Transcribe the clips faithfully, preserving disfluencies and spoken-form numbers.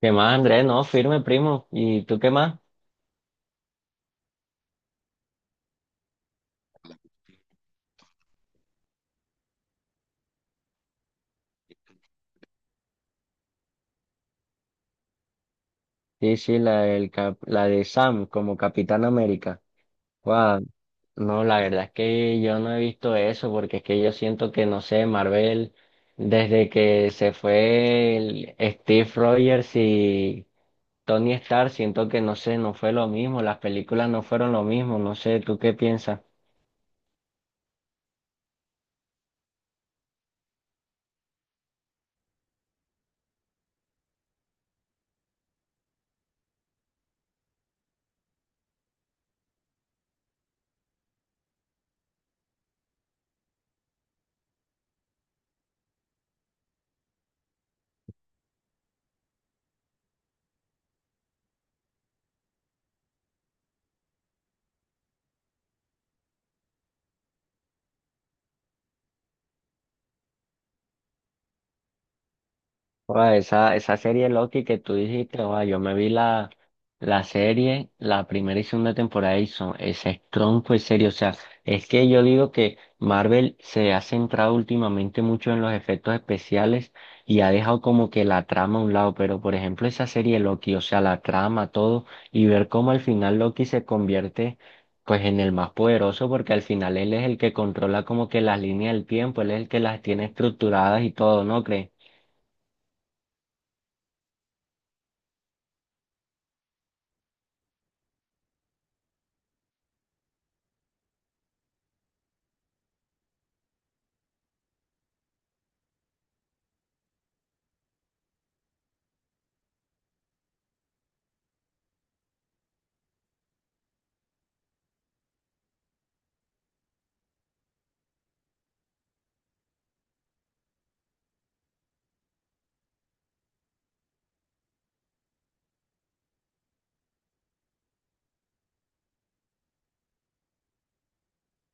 ¿Qué más, Andrés? No, firme, primo. ¿Y tú qué más? Sí, sí, la, del cap- la de Sam como Capitán América. Guau, no, la verdad es que yo no he visto eso porque es que yo siento que, no sé, Marvel, desde que se fue el Steve Rogers y Tony Stark, siento que, no sé, no fue lo mismo, las películas no fueron lo mismo, no sé, ¿tú qué piensas? Joda, esa, esa serie Loki que tú dijiste, joda, yo me vi la, la serie, la primera y segunda temporada y son, ese tronco es serio. O sea, es que yo digo que Marvel se ha centrado últimamente mucho en los efectos especiales y ha dejado como que la trama a un lado. Pero por ejemplo, esa serie Loki, o sea, la trama, todo, y ver cómo al final Loki se convierte pues en el más poderoso, porque al final él es el que controla como que las líneas del tiempo, él es el que las tiene estructuradas y todo, ¿no crees?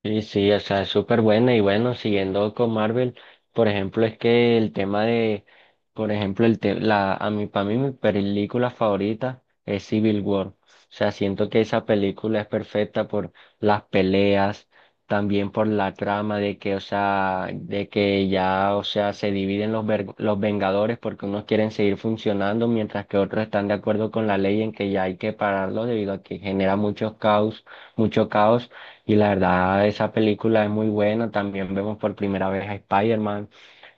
Sí, sí, o sea, es súper buena y bueno, siguiendo con Marvel, por ejemplo, es que el tema de, por ejemplo, el te- la, a mí, para mí mi película favorita es Civil War. O sea, siento que esa película es perfecta por las peleas, también por la trama de que, o sea, de que ya, o sea, se dividen los, ver- los Vengadores porque unos quieren seguir funcionando mientras que otros están de acuerdo con la ley en que ya hay que pararlo debido a que genera muchos caos, mucho caos. Y la verdad, esa película es muy buena. También vemos por primera vez a Spider-Man.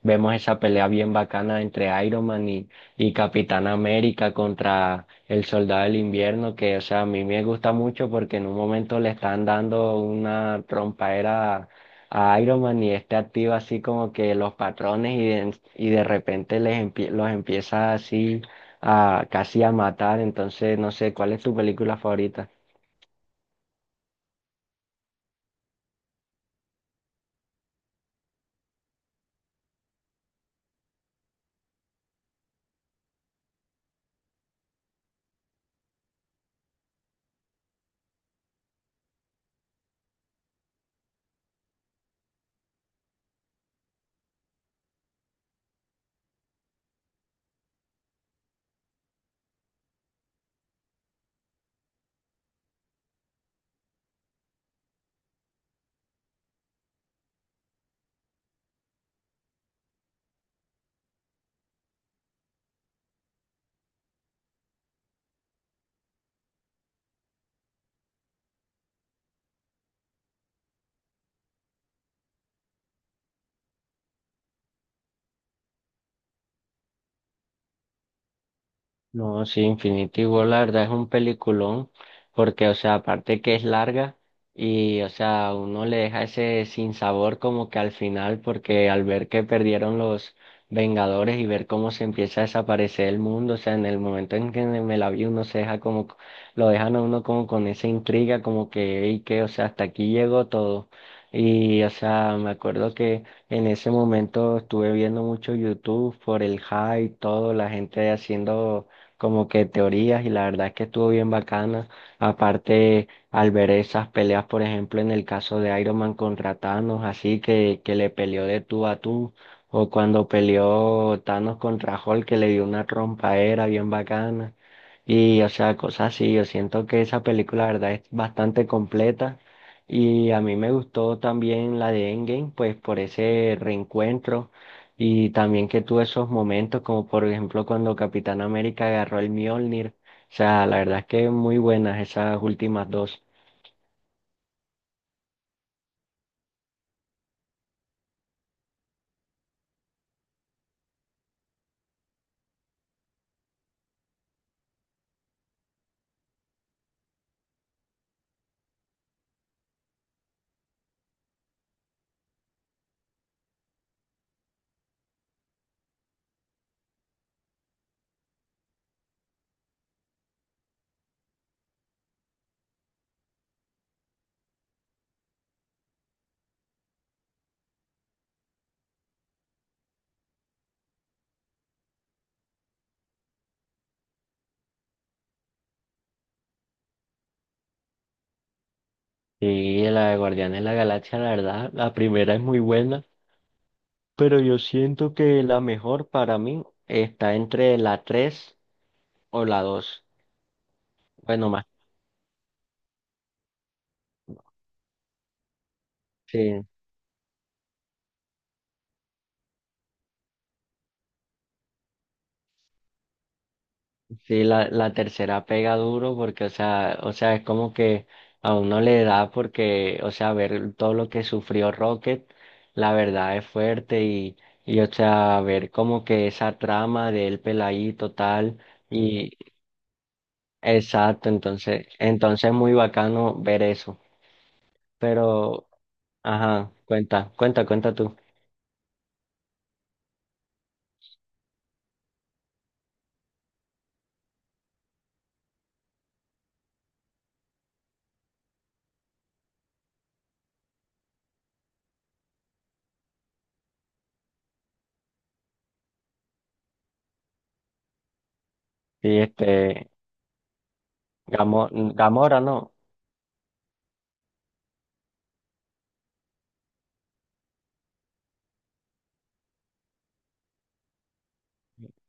Vemos esa pelea bien bacana entre Iron Man y, y Capitán América contra el Soldado del Invierno, que, o sea, a mí me gusta mucho porque en un momento le están dando una trompaera a, a Iron Man y este activa así como que los patrones y de, y de repente les empie- los empieza así a casi a matar. Entonces, no sé, ¿cuál es tu película favorita? No, sí, Infinity War la verdad es un peliculón, porque, o sea, aparte que es larga y, o sea, uno le deja ese sinsabor como que al final, porque al ver que perdieron los Vengadores y ver cómo se empieza a desaparecer el mundo, o sea, en el momento en que me la vi, uno se deja como, lo dejan a uno como con esa intriga, como que, y que, o sea, hasta aquí llegó todo. Y, o sea, me acuerdo que en ese momento estuve viendo mucho YouTube por el hype, todo, la gente haciendo como que teorías y la verdad es que estuvo bien bacana. Aparte, al ver esas peleas, por ejemplo, en el caso de Iron Man contra Thanos, así que, que le peleó de tú a tú, o cuando peleó Thanos contra Hulk, que le dio una trompaera bien bacana. Y, o sea, cosas así, yo siento que esa película, la verdad, es bastante completa. Y a mí me gustó también la de Endgame, pues por ese reencuentro. Y también que tuve esos momentos, como por ejemplo cuando Capitán América agarró el Mjolnir. O sea, la verdad es que muy buenas esas últimas dos. Sí, y la de Guardianes de la Galaxia, la verdad, la primera es muy buena. Pero yo siento que la mejor para mí está entre la tres o la dos. Bueno, más. Sí, sí, la, la tercera pega duro porque, o sea, o sea, es como que a uno le da porque, o sea, ver todo lo que sufrió Rocket, la verdad es fuerte y, y, o sea, ver como que esa trama de él peladito tal y exacto, entonces, entonces es muy bacano ver eso. Pero, ajá, cuenta, cuenta, cuenta tú. Sí, este, Gamo- Gamora, no,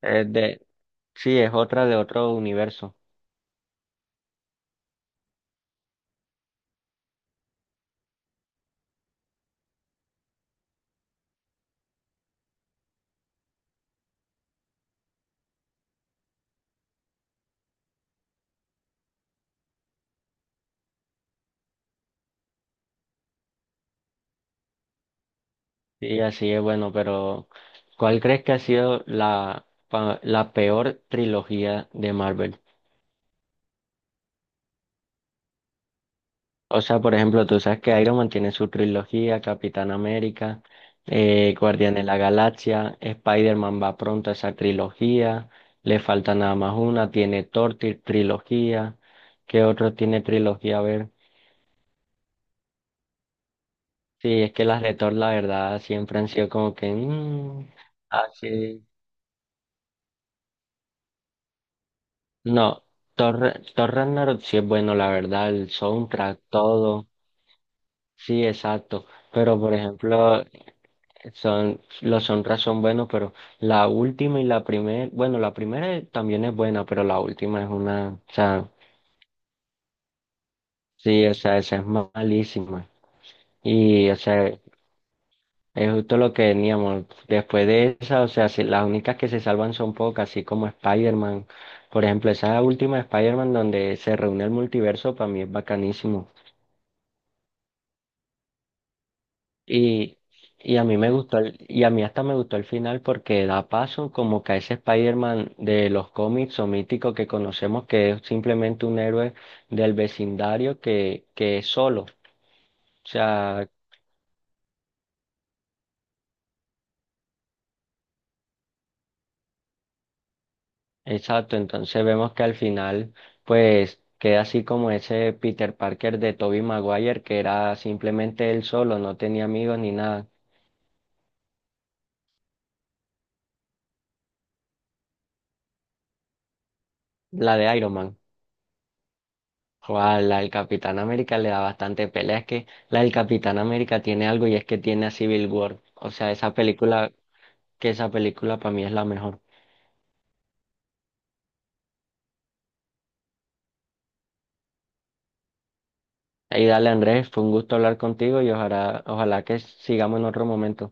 es de, sí, es otra de otro universo. Sí, así es, bueno, pero ¿cuál crees que ha sido la, pa- la peor trilogía de Marvel? O sea, por ejemplo, tú sabes que Iron Man tiene su trilogía, Capitán América, eh, Guardián de la Galaxia, Spider-Man va pronto a esa trilogía, le falta nada más una, tiene Thor tri- trilogía, ¿qué otro tiene trilogía? A ver, sí, es que las de Thor, la verdad, siempre han sido como que... mm, así. No, Thor, Thor Ragnarok sí es bueno, la verdad, el soundtrack, todo, sí, exacto, pero por ejemplo, son, los soundtracks son buenos, pero la última y la primera, bueno, la primera también es buena, pero la última es una, o sea, sí, o sea, esa es malísima, y o sea, es justo lo que veníamos, después de esa, o sea, si- las únicas que se salvan son pocas, así como Spider-Man, por ejemplo, esa última de Spider-Man donde se reúne el multiverso, para mí es bacanísimo. Y, y a mí me gustó, el- y a mí hasta me gustó el final porque da paso como que a ese Spider-Man de los cómics o mítico que conocemos que es simplemente un héroe del vecindario que, que es solo. O sea, exacto, entonces vemos que al final pues queda así como ese Peter Parker de Tobey Maguire que era simplemente él solo, no tenía amigos ni nada, la de Iron Man. Joa, la del Capitán América le da bastante pelea. Es que la del Capitán América tiene algo y es que tiene a Civil War. O sea, esa película, que esa película para mí es la mejor. Y dale, Andrés, fue un gusto hablar contigo y ojalá, ojalá que sigamos en otro momento.